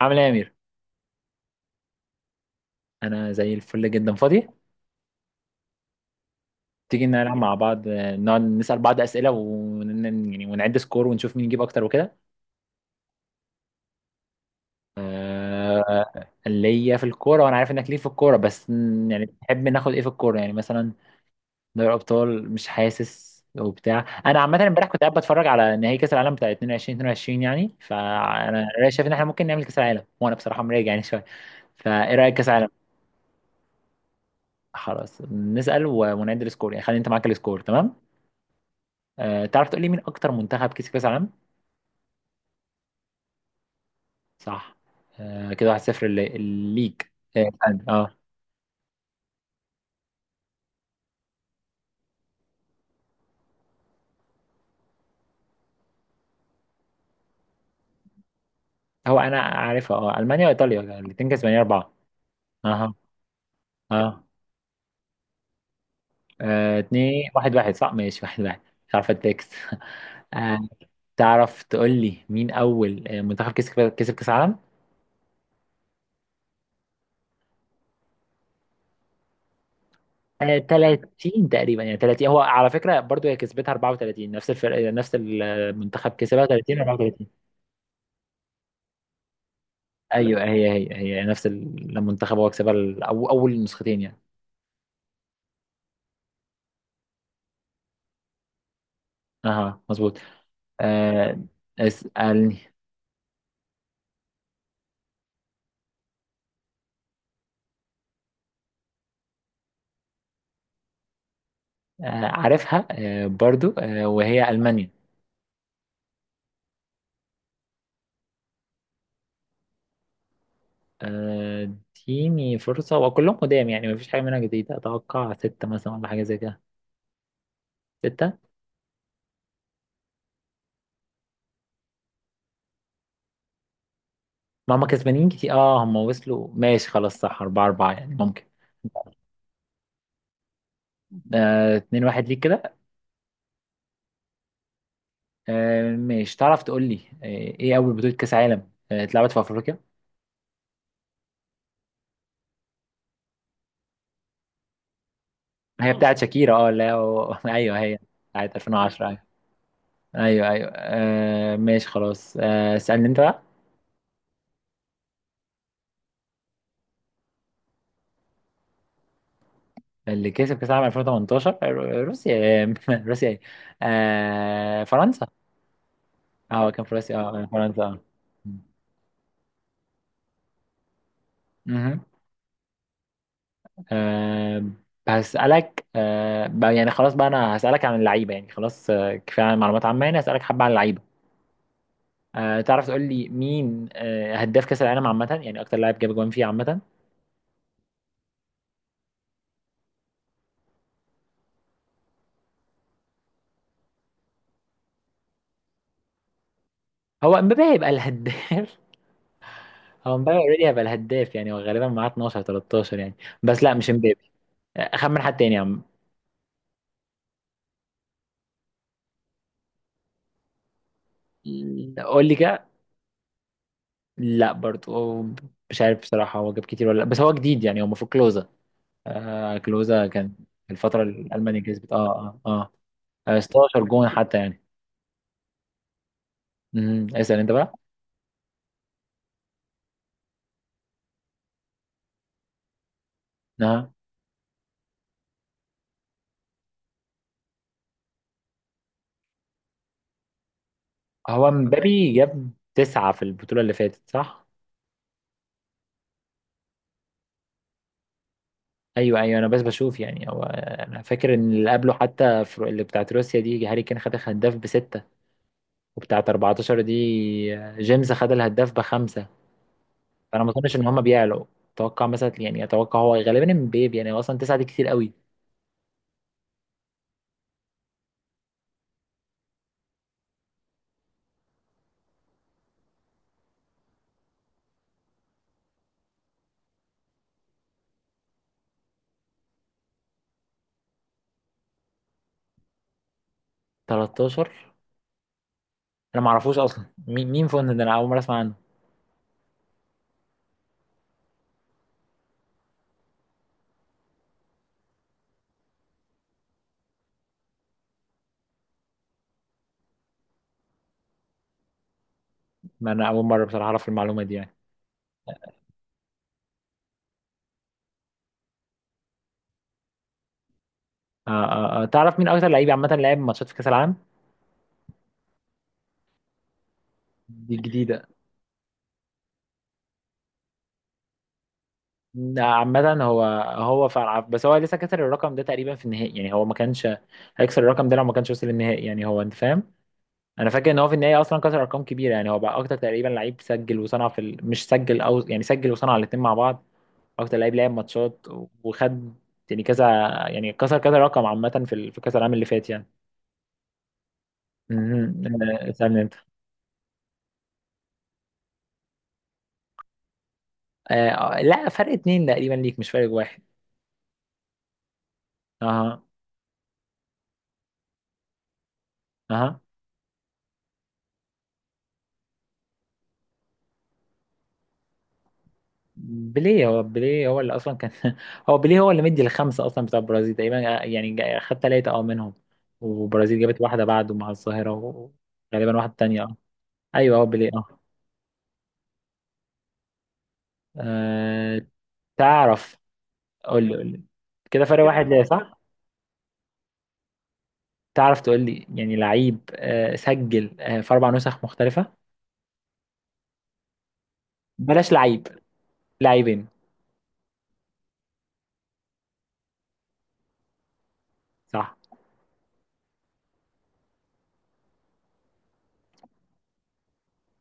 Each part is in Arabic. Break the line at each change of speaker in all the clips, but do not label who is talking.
عامل ايه يا امير؟ انا زي الفل جدا فاضي. تيجي نلعب مع بعض، نقعد نسال بعض اسئله. يعني ونعد سكور ونشوف مين يجيب اكتر وكده. ليا في الكوره، وانا عارف انك ليه في الكوره، بس يعني تحب ناخد ايه في الكوره، يعني مثلا دوري ابطال. مش حاسس وبتاع. انا عامه امبارح كنت قاعد بتفرج على نهائي كاس العالم بتاع 22 22 يعني، فانا رأيي شايف ان احنا ممكن نعمل كاس العالم، وانا بصراحه مراجع يعني شويه. فايه رايك كاس العالم؟ خلاص نسال ونعد السكور، يعني خلي انت معاك السكور، تمام. تعرف تقول لي مين اكتر منتخب كسب كاس العالم؟ صح. كده 1-0 ليك اه آه. هو انا عارفها، المانيا وايطاليا الاثنين كسبانين اربعه. اها. اه. اتنين واحد واحد، صح ماشي، واحد واحد. مش عارف التكست. آه، تعرف تقول لي مين اول، منتخب كسب كاس العالم؟ 30 تقريبا يعني، 30 هو على فكره، برضو هي كسبتها 34، نفس الفرق نفس المنتخب كسبها 30، 34. ايوه، هي نفس المنتخب هو كسبها، اول نسختين يعني. اها مظبوط. آه، اسألني. عارفها، برضو، وهي ألمانيا. آه، اديني فرصة، وكلهم قدام يعني، مفيش حاجة منها جديدة. أتوقع ستة مثلا ولا حاجة زي كده. ستة. ما هم كسبانين كتير. اه، هم وصلوا ماشي خلاص. صح، أربعة أربعة يعني ممكن. اتنين واحد ليك كده. ماشي، تعرف تقول لي، آه، ايه أول بطولة كأس عالم اتلعبت في أفريقيا؟ هي، بتاعت شاكيرا. اه لا، أيوه هي بتاعت 2010. ايوه ايوه، ماشي خلاص. اسالني انت بقى. اللي كسب كاس العالم 2018 روسيا. روسيا ايه؟ فرنسا. اه كان في روسيا، اه فرنسا اه. مهم. آه هسألك يعني خلاص بقى، انا هسألك عن اللعيبة يعني. خلاص كفاية عن معلومات عامة، يعني هسألك حبة عن اللعيبة. تعرف تقول لي مين هداف كأس العالم عامة، يعني اكتر لاعب جاب جوان فيه عامة؟ هو امبابي هيبقى الهداف؟ هو مبابي اوريدي هيبقى الهداف يعني، هو غالبا معاه 12 13 يعني. بس لا، مش مبابي. اخمن حد تاني يا عم. قول لي كده. لا برضه هو. مش عارف بصراحة، هو جاب كتير ولا لا، بس هو جديد يعني. هو المفروض كلوزا. كلوزا كان في الفترة اللي ألمانيا كسبت، اه 16 جون حتى يعني. اسأل انت بقى. اه، هو مبابي جاب تسعة في البطولة اللي فاتت، صح؟ ايوه ايوه، انا بس بشوف يعني. هو انا فاكر ان اللي قبله حتى اللي بتاعت روسيا دي، هاري كين خد هداف بستة. وبتاعة 14 دي جيمس خد الهداف بخمسة. فأنا ما أظنش إن هما بيعلوا. أتوقع مثلا يعني، أتوقع هو غالبا امبابي يعني، هو أصلا تسعة دي كتير قوي. 13. أنا ما أعرفوش أصلا، مين فون ده؟ أنا أول مرة أسمع عنه. ما أنا أول مرة بصراحة أعرف المعلومة دي يعني. تعرف مين أكتر لعيب عامة لعب ماتشات في كأس العالم؟ دي جديدة. عامة، هو فعلا، بس هو لسه كسر الرقم ده تقريبا في النهائي يعني. هو ما كانش هيكسر الرقم ده لو ما كانش وصل للنهائي، يعني هو، أنت فاهم؟ انا فاكر ان هو في النهايه اصلا كسر ارقام كبيره، يعني هو بقى اكتر تقريبا لعيب سجل وصنع. مش سجل او، يعني سجل وصنع الاثنين مع بعض. اكتر لعيب لعب ماتشات وخد، يعني كذا، يعني كسر كذا رقم عامه، في كاس العالم اللي فات يعني. مهم. سألني انت. لا، فرق اتنين تقريبا ليك، مش فرق واحد. اها اها، بيليه. هو بيليه هو اللي اصلا كان. هو بيليه هو اللي مدي الخمسه اصلا بتاع البرازيل تقريبا، يعني خد ثلاثه منهم. والبرازيل جابت واحده بعده مع الظاهره. وغالبا واحده تانيه اه. ايوه هو بيليه اه. أه تعرف؟ قول لي قول لي. كده فرق واحد ليا، صح؟ تعرف تقول لي يعني لعيب سجل في أربع نسخ مختلفة؟ بلاش لعيب، لاعبين. صح،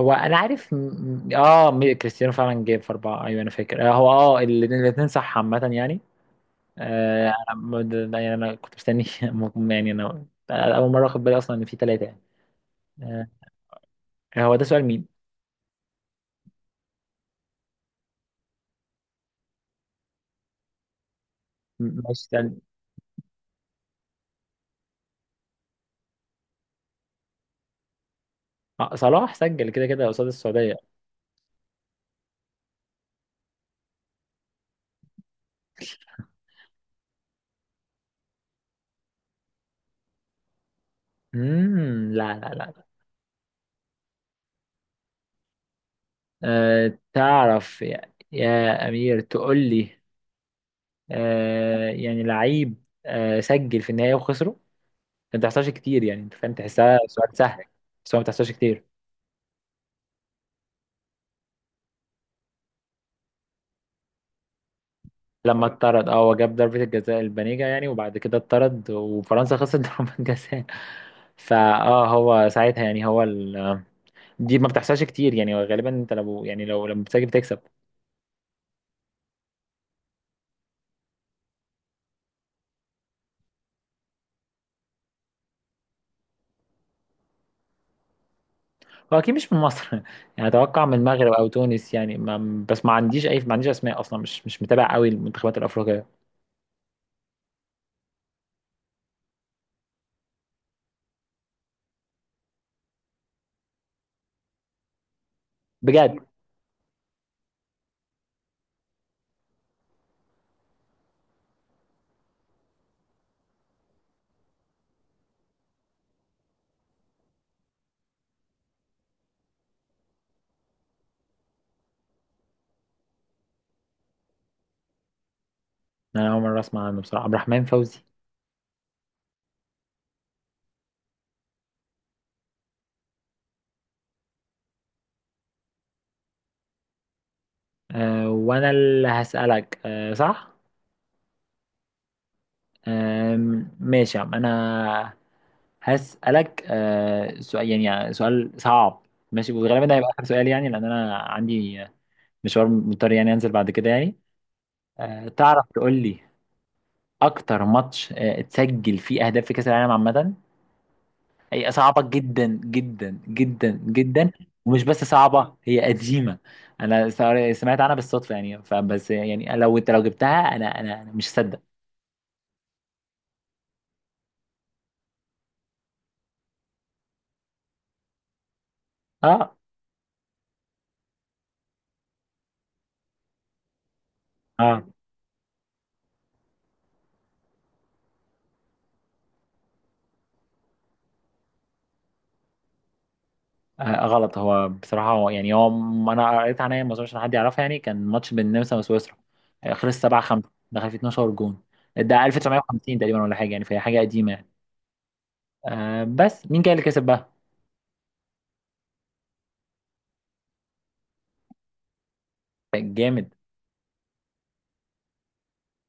هو أنا عارف كريستيانو فعلا جاب في أربعة. أيوه أنا فاكر هو، الاثنين صح عامة يعني. أنا يعني أنا كنت مستني. يعني أنا أول مرة أخد بالي أصلا إن في ثلاثة يعني. أه. هو ده سؤال مين؟ ماشي سألني. صلاح سجل كده كده قصاد السعودية. لا لا لا. تعرف يا أمير تقول لي، يعني لعيب سجل في النهاية وخسره؟ ما بتحصلش كتير، يعني أنت فاهم، تحسها سؤال سهل. بس هو ما بتحصلش كتير. لما اتطرد، هو جاب ضربة الجزاء البنيجة يعني، وبعد كده اتطرد وفرنسا خسرت ضربة الجزاء. فاه هو ساعتها يعني هو. دي ما بتحصلش كتير، يعني غالبا انت لو، يعني لو لما بتسجل بتكسب. هو اكيد مش من مصر، يعني اتوقع من المغرب او تونس، يعني ما، بس ما عنديش اي، ما عنديش اسماء اصلا، مش متابع قوي المنتخبات الافريقيه. بجد؟ انا اول مره اسمع عنه بصراحه، عبد الرحمن فوزي. وانا اللي هسالك، صح. أه ماشي يا عم، انا هسالك سؤال، يعني سؤال صعب. ماشي، وغالبا ده هيبقى اخر سؤال يعني، لان انا عندي مشوار مضطر يعني انزل بعد كده يعني. تعرف تقول لي اكتر ماتش اتسجل فيه اهداف في كاس العالم عامه؟ هي صعبة جدا جدا جدا جدا. ومش بس صعبة، هي قديمة. انا سمعت عنها بالصدفة يعني، فبس يعني لو انت لو جبتها انا انا أنا مش هصدق. اه اه، غلط. هو بصراحة هو يعني هو انا قريت عنها، ما اظنش إن حد يعرفها يعني. كان ماتش بين النمسا وسويسرا، خلص 7 5، دخل فيه 12 جون. ده 1950 تقريبا ولا حاجة يعني، فهي حاجة قديمة يعني. بس مين كان اللي كسب بقى؟ جامد.